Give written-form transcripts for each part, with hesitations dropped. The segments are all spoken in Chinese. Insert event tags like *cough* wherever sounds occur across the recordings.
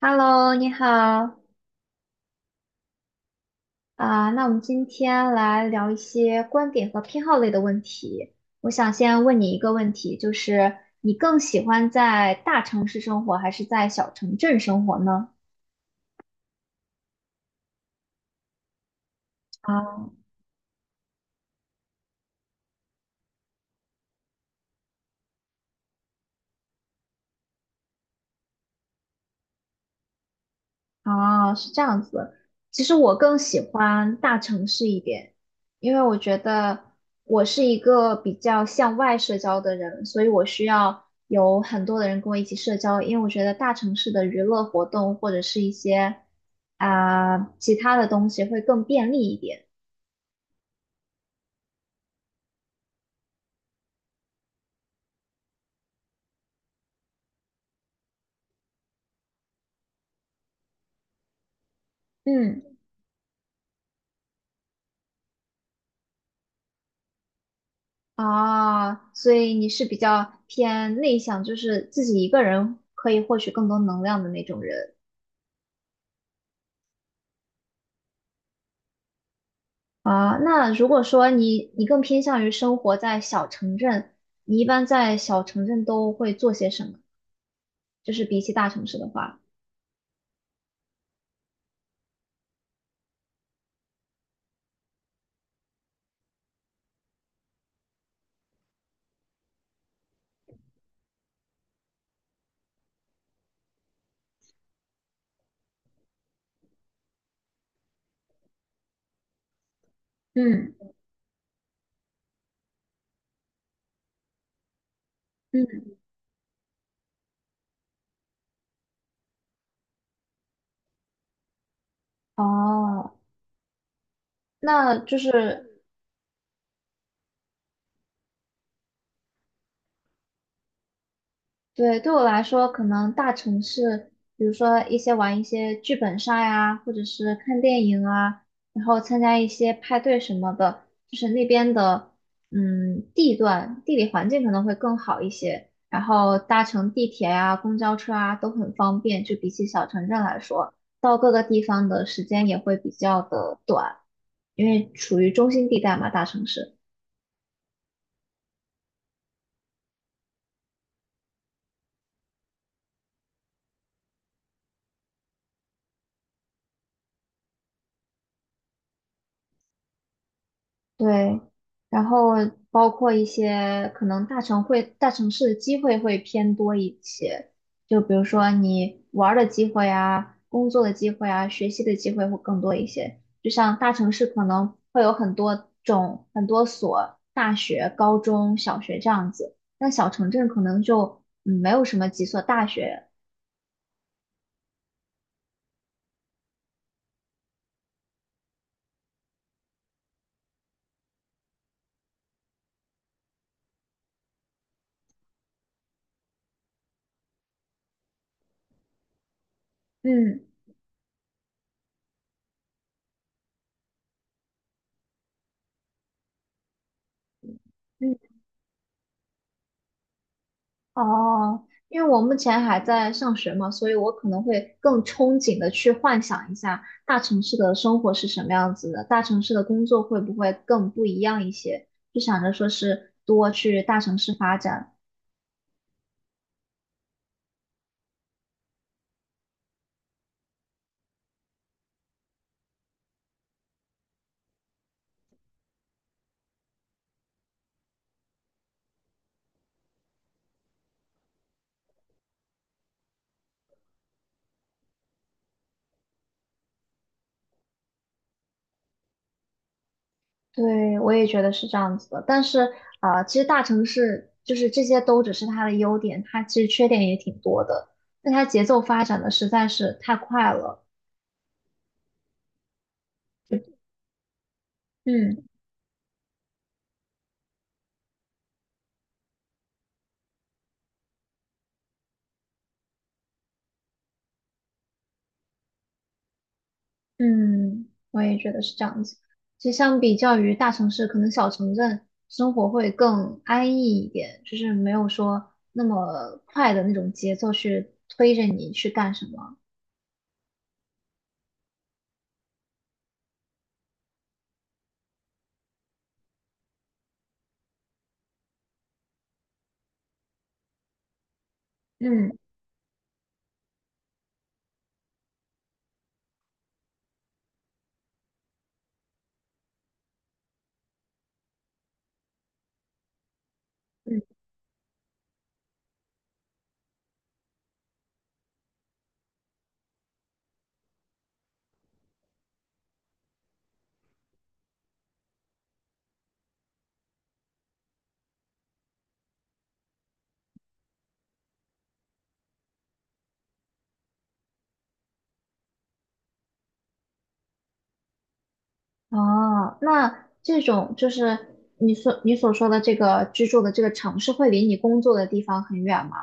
Hello，你好。啊，那我们今天来聊一些观点和偏好类的问题。我想先问你一个问题，就是你更喜欢在大城市生活还是在小城镇生活呢？啊？哦，是这样子。其实我更喜欢大城市一点，因为我觉得我是一个比较向外社交的人，所以我需要有很多的人跟我一起社交。因为我觉得大城市的娱乐活动或者是一些其他的东西会更便利一点。嗯。啊，所以你是比较偏内向，就是自己一个人可以获取更多能量的那种人。啊，那如果说你更偏向于生活在小城镇，你一般在小城镇都会做些什么？就是比起大城市的话，嗯。嗯。哦，那就是对，对我来说，可能大城市，比如说玩一些剧本杀呀，或者是看电影啊，然后参加一些派对什么的，就是那边的，嗯，地段、地理环境可能会更好一些，然后搭乘地铁啊、公交车啊都很方便，就比起小城镇来说，到各个地方的时间也会比较的短，因为处于中心地带嘛，大城市。对，然后包括一些可能大城市的机会会偏多一些，就比如说你玩儿的机会啊、工作的机会啊、学习的机会会更多一些。就像大城市可能会有很多种、很多所大学、高中小学这样子，但小城镇可能就没有什么几所大学。嗯。嗯。哦，因为我目前还在上学嘛，所以我可能会更憧憬的去幻想一下大城市的生活是什么样子的，大城市的工作会不会更不一样一些，就想着说是多去大城市发展。对，我也觉得是这样子的，但是啊，其实大城市就是这些都只是它的优点，它其实缺点也挺多的，但它节奏发展的实在是太快了。嗯。嗯，我也觉得是这样子。其实相比较于大城市，可能小城镇生活会更安逸一点，就是没有说那么快的那种节奏去推着你去干什么。嗯。嗯，哦，那这种就是你所说的这个居住的这个城市，会离你工作的地方很远吗？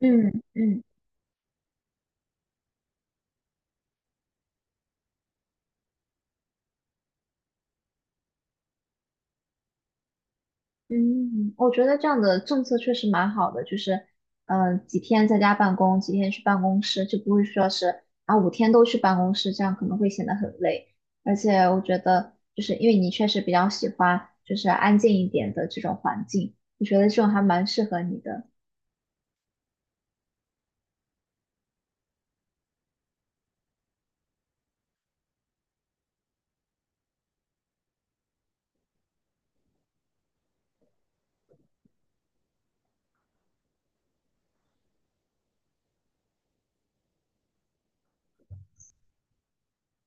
嗯。嗯。嗯，我觉得这样的政策确实蛮好的，就是，几天在家办公，几天去办公室，就不会说是啊5天都去办公室，这样可能会显得很累。而且我觉得，就是因为你确实比较喜欢就是安静一点的这种环境，我觉得这种还蛮适合你的。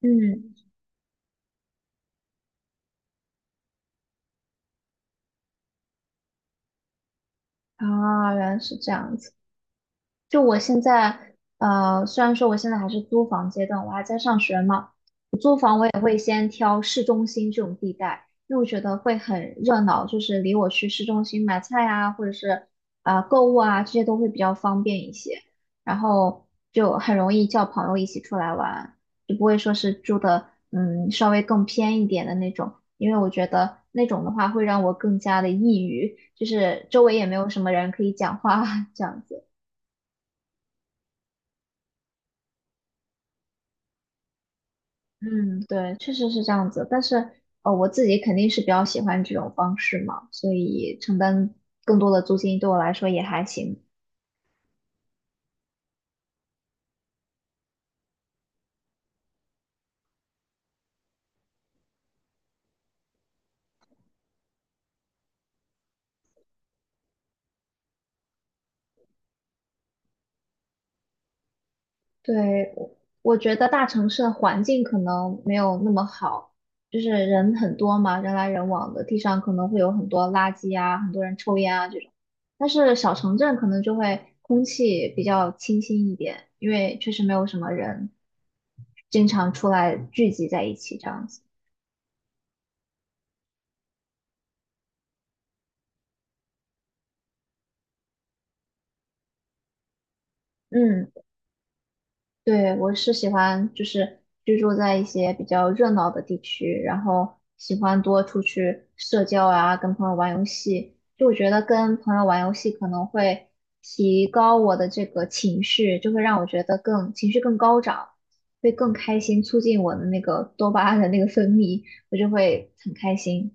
嗯，啊，原来是这样子。就我现在，虽然说我现在还是租房阶段，我还在上学嘛。也会先挑市中心这种地带，因为我觉得会很热闹，就是离我去市中心买菜啊，或者是购物啊，这些都会比较方便一些，然后就很容易叫朋友一起出来玩，就不会说是住的稍微更偏一点的那种，因为我觉得那种的话会让我更加的抑郁，就是周围也没有什么人可以讲话 *laughs* 这样子。嗯，对，确实是这样子。但是，我自己肯定是比较喜欢这种方式嘛，所以承担更多的租金对我来说也还行。对，我觉得大城市的环境可能没有那么好，就是人很多嘛，人来人往的，地上可能会有很多垃圾啊，很多人抽烟啊这种。但是小城镇可能就会空气比较清新一点，因为确实没有什么人经常出来聚集在一起这样子。嗯。对，我是喜欢就是居住在一些比较热闹的地区，然后喜欢多出去社交啊，跟朋友玩游戏。就我觉得跟朋友玩游戏可能会提高我的这个情绪，就会让我觉得更情绪更高涨，会更开心，促进我的那个多巴胺的那个分泌，我就会很开心。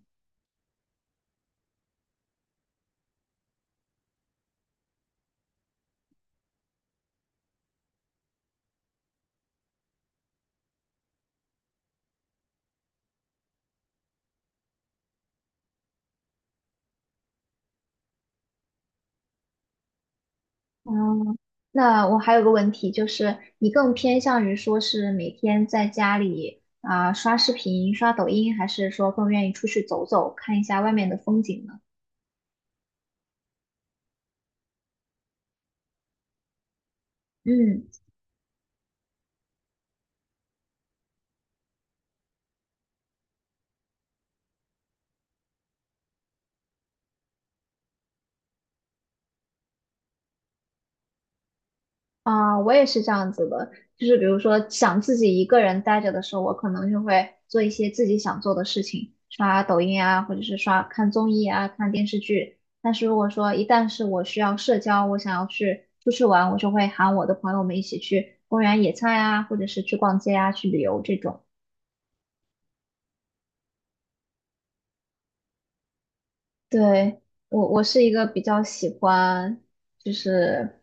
嗯，那我还有个问题，就是你更偏向于说是每天在家里啊、刷视频、刷抖音，还是说更愿意出去走走，看一下外面的风景呢？嗯。啊，我也是这样子的，就是比如说想自己一个人待着的时候，我可能就会做一些自己想做的事情，刷抖音啊，或者是刷看综艺啊，看电视剧。但是如果说一旦是我需要社交，我想要去出去玩，我就会喊我的朋友们一起去公园野餐啊，或者是去逛街啊，去旅游这种。对，我是一个比较喜欢，就是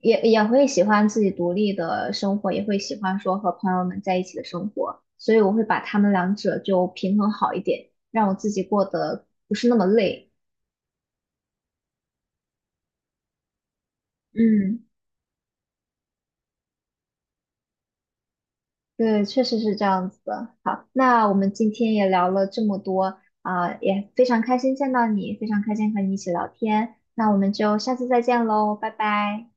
也会喜欢自己独立的生活，也会喜欢说和朋友们在一起的生活，所以我会把他们两者就平衡好一点，让我自己过得不是那么累。嗯，对，确实是这样子的。好，那我们今天也聊了这么多啊，也非常开心见到你，非常开心和你一起聊天。那我们就下次再见喽，拜拜。